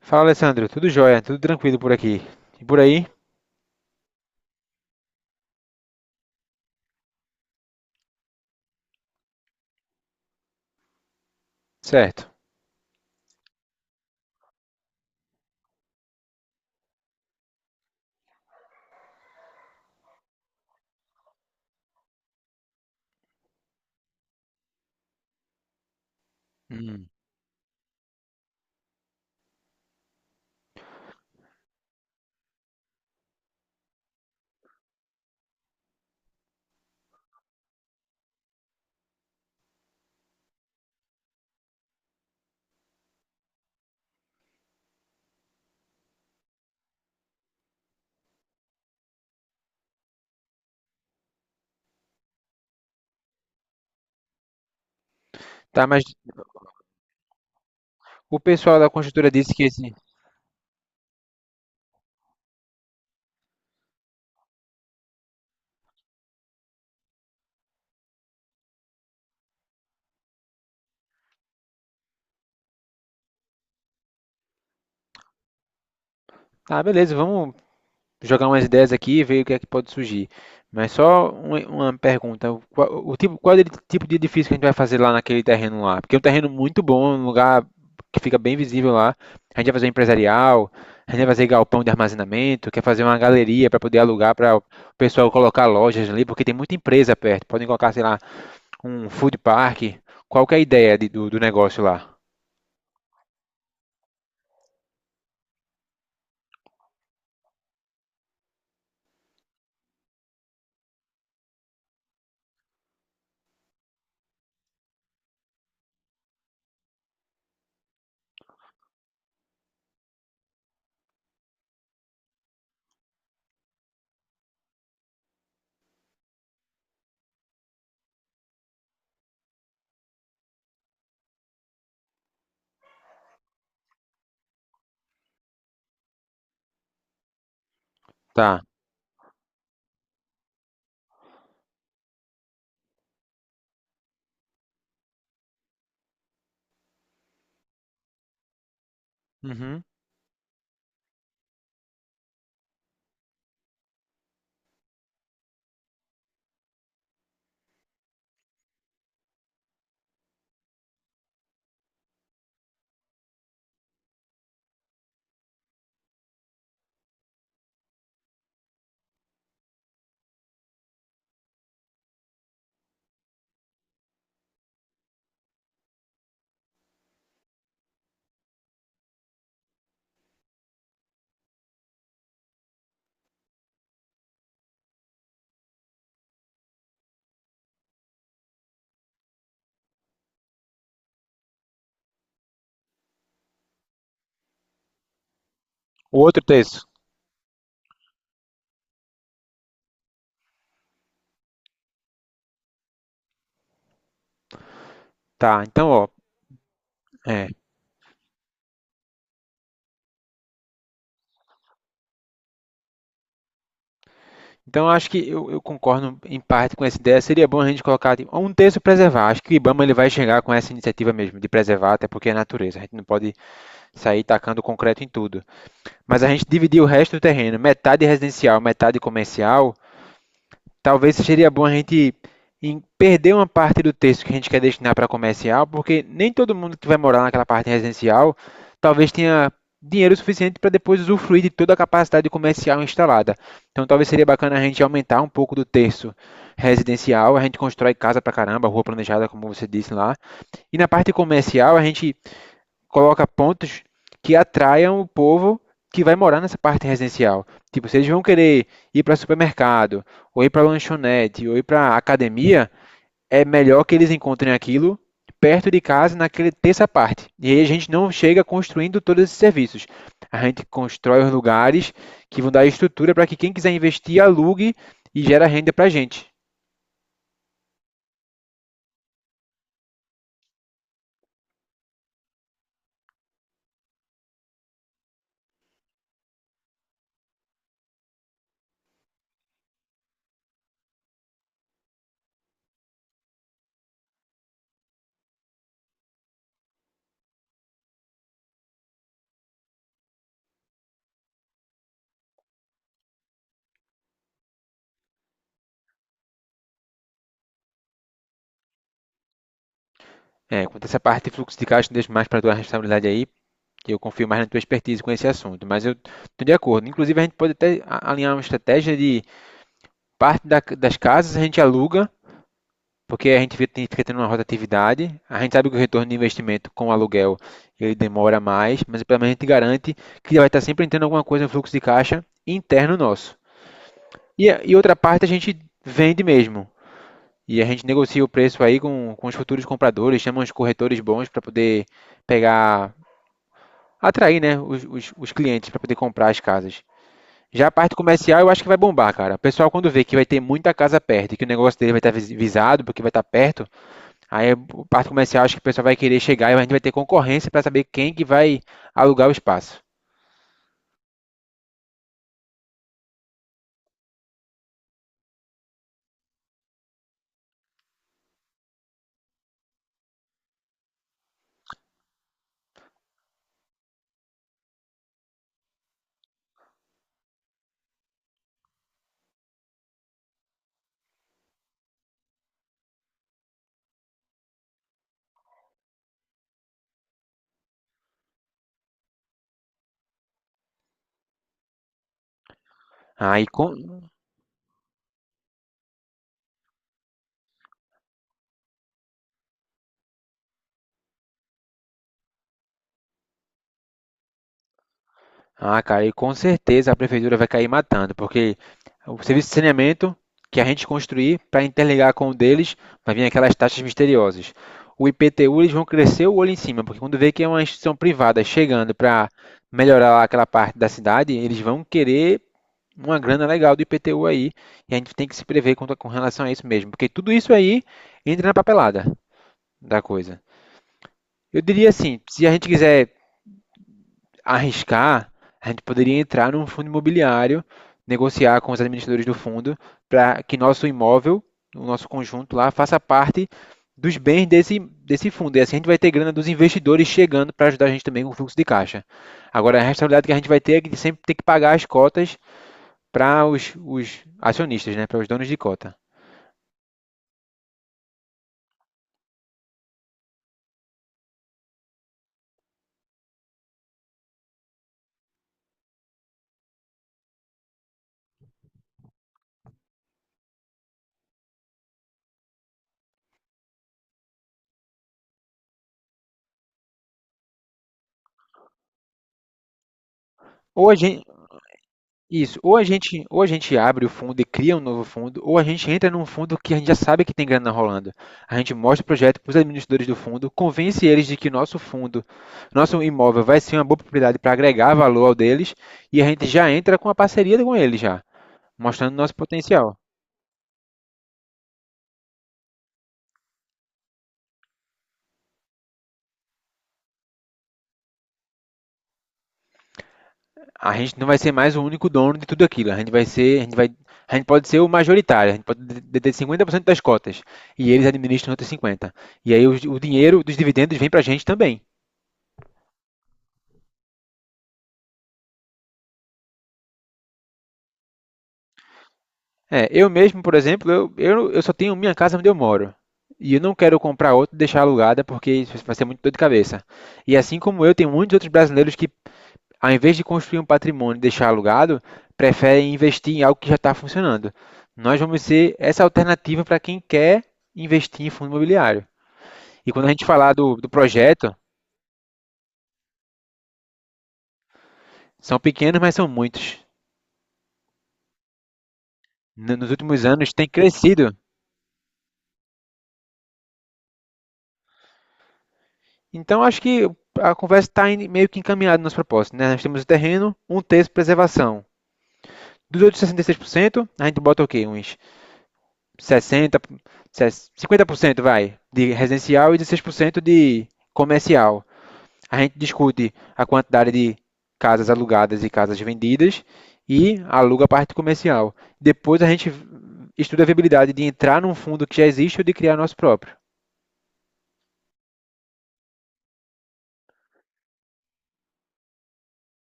Fala, Alessandro. Tudo jóia, tudo tranquilo por aqui. E por aí? Certo. Hum. Tá, mas o pessoal da construtora disse que esse. Ah, beleza, vamos jogar umas ideias aqui e ver o que é que pode surgir. Mas só uma pergunta: o tipo, qual é o tipo de edifício que a gente vai fazer lá naquele terreno lá? Porque é um terreno muito bom, um lugar que fica bem visível lá. A gente vai fazer um empresarial, a gente vai fazer galpão de armazenamento, quer fazer uma galeria para poder alugar para o pessoal colocar lojas ali, porque tem muita empresa perto. Podem colocar, sei lá. Um food park. Qual que é a ideia do, do negócio lá? Tá. Uhum. O outro texto. Tá. Então, ó. É. Então, eu acho que eu concordo em parte com essa ideia. Seria bom a gente colocar tipo, um texto preservar. Acho que o IBAMA ele vai chegar com essa iniciativa mesmo de preservar, até porque é natureza. A gente não pode sair tacando concreto em tudo. Mas a gente dividir o resto do terreno, metade residencial, metade comercial. Talvez seria bom a gente perder uma parte do texto que a gente quer destinar para comercial, porque nem todo mundo que vai morar naquela parte residencial talvez tenha dinheiro suficiente para depois usufruir de toda a capacidade comercial instalada. Então talvez seria bacana a gente aumentar um pouco do texto residencial, a gente constrói casa pra caramba, rua planejada, como você disse lá. E na parte comercial, a gente coloca pontos que atraiam o povo que vai morar nessa parte residencial. Tipo, se eles vão querer ir para supermercado, ou ir para lanchonete, ou ir para academia, é melhor que eles encontrem aquilo perto de casa, naquele terça parte. E aí a gente não chega construindo todos esses serviços. A gente constrói os lugares que vão dar estrutura para que quem quiser investir alugue e gera renda para a gente. É, quanto a essa parte de fluxo de caixa, deixo mais para a tua responsabilidade aí, que eu confio mais na tua expertise com esse assunto, mas eu estou de acordo. Inclusive, a gente pode até alinhar uma estratégia de parte das casas a gente aluga, porque a gente fica tendo uma rotatividade, a gente sabe que o retorno de investimento com o aluguel ele demora mais, mas pelo menos a gente garante que vai estar sempre entrando alguma coisa no fluxo de caixa interno nosso. E outra parte a gente vende mesmo, e a gente negocia o preço aí com os futuros compradores, chama os corretores bons para poder pegar, atrair né, os clientes para poder comprar as casas. Já a parte comercial eu acho que vai bombar, cara. O pessoal quando vê que vai ter muita casa perto e que o negócio dele vai estar visado, porque vai estar perto, aí a parte comercial acho que o pessoal vai querer chegar e a gente vai ter concorrência para saber quem que vai alugar o espaço. Aí com- Ah, cara, e com certeza a prefeitura vai cair matando, porque o serviço de saneamento que a gente construir para interligar com o deles vai vir aquelas taxas misteriosas. O IPTU eles vão crescer o olho em cima, porque quando vê que é uma instituição privada chegando para melhorar lá aquela parte da cidade, eles vão querer uma grana legal do IPTU aí, e a gente tem que se prever com relação a isso mesmo, porque tudo isso aí entra na papelada da coisa. Eu diria assim, se a gente quiser arriscar, a gente poderia entrar num fundo imobiliário, negociar com os administradores do fundo para que nosso imóvel, o nosso conjunto lá, faça parte dos bens desse fundo. E assim a gente vai ter grana dos investidores chegando para ajudar a gente também com o fluxo de caixa. Agora, a responsabilidade que a gente vai ter é que sempre ter que pagar as cotas para os acionistas, né, para os donos de cota. Ou a gente, Isso, ou a gente abre o fundo e cria um novo fundo, ou a gente entra num fundo que a gente já sabe que tem grana rolando. A gente mostra o projeto para os administradores do fundo, convence eles de que nosso fundo, nosso imóvel vai ser uma boa propriedade para agregar valor ao deles, e a gente já entra com a parceria com eles já, mostrando nosso potencial. A gente não vai ser mais o único dono de tudo aquilo, a gente pode ser o majoritário, a gente pode deter 50% das cotas, e eles administram outros 50%. E aí o dinheiro dos dividendos vem para a gente também. É, eu mesmo, por exemplo, eu só tenho minha casa onde eu moro. E eu não quero comprar outra e deixar alugada porque isso vai ser muito dor de cabeça. E assim como eu, tem muitos outros brasileiros que, ao invés de construir um patrimônio e deixar alugado, preferem investir em algo que já está funcionando. Nós vamos ser essa alternativa para quem quer investir em fundo imobiliário. E quando a gente falar do projeto, são pequenos, mas são muitos. Nos últimos anos tem crescido. Então, acho que a conversa está meio que encaminhada nas propostas, né? Nós temos o terreno, um terço de preservação. Dos outros 66%, a gente bota o quê? Uns 60, 50% vai de residencial e 16% de comercial. A gente discute a quantidade de casas alugadas e casas vendidas e aluga a parte comercial. Depois a gente estuda a viabilidade de entrar num fundo que já existe ou de criar nosso próprio.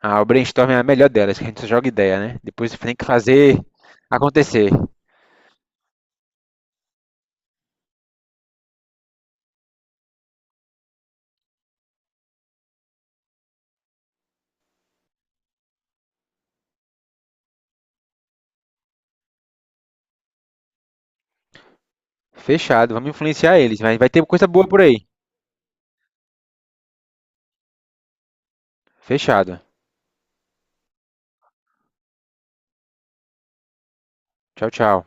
Ah, o brainstorm é a melhor delas, que a gente só joga ideia, né? Depois você tem que fazer acontecer. Fechado, vamos influenciar eles, mas vai ter coisa boa por aí. Fechado. Tchau, tchau.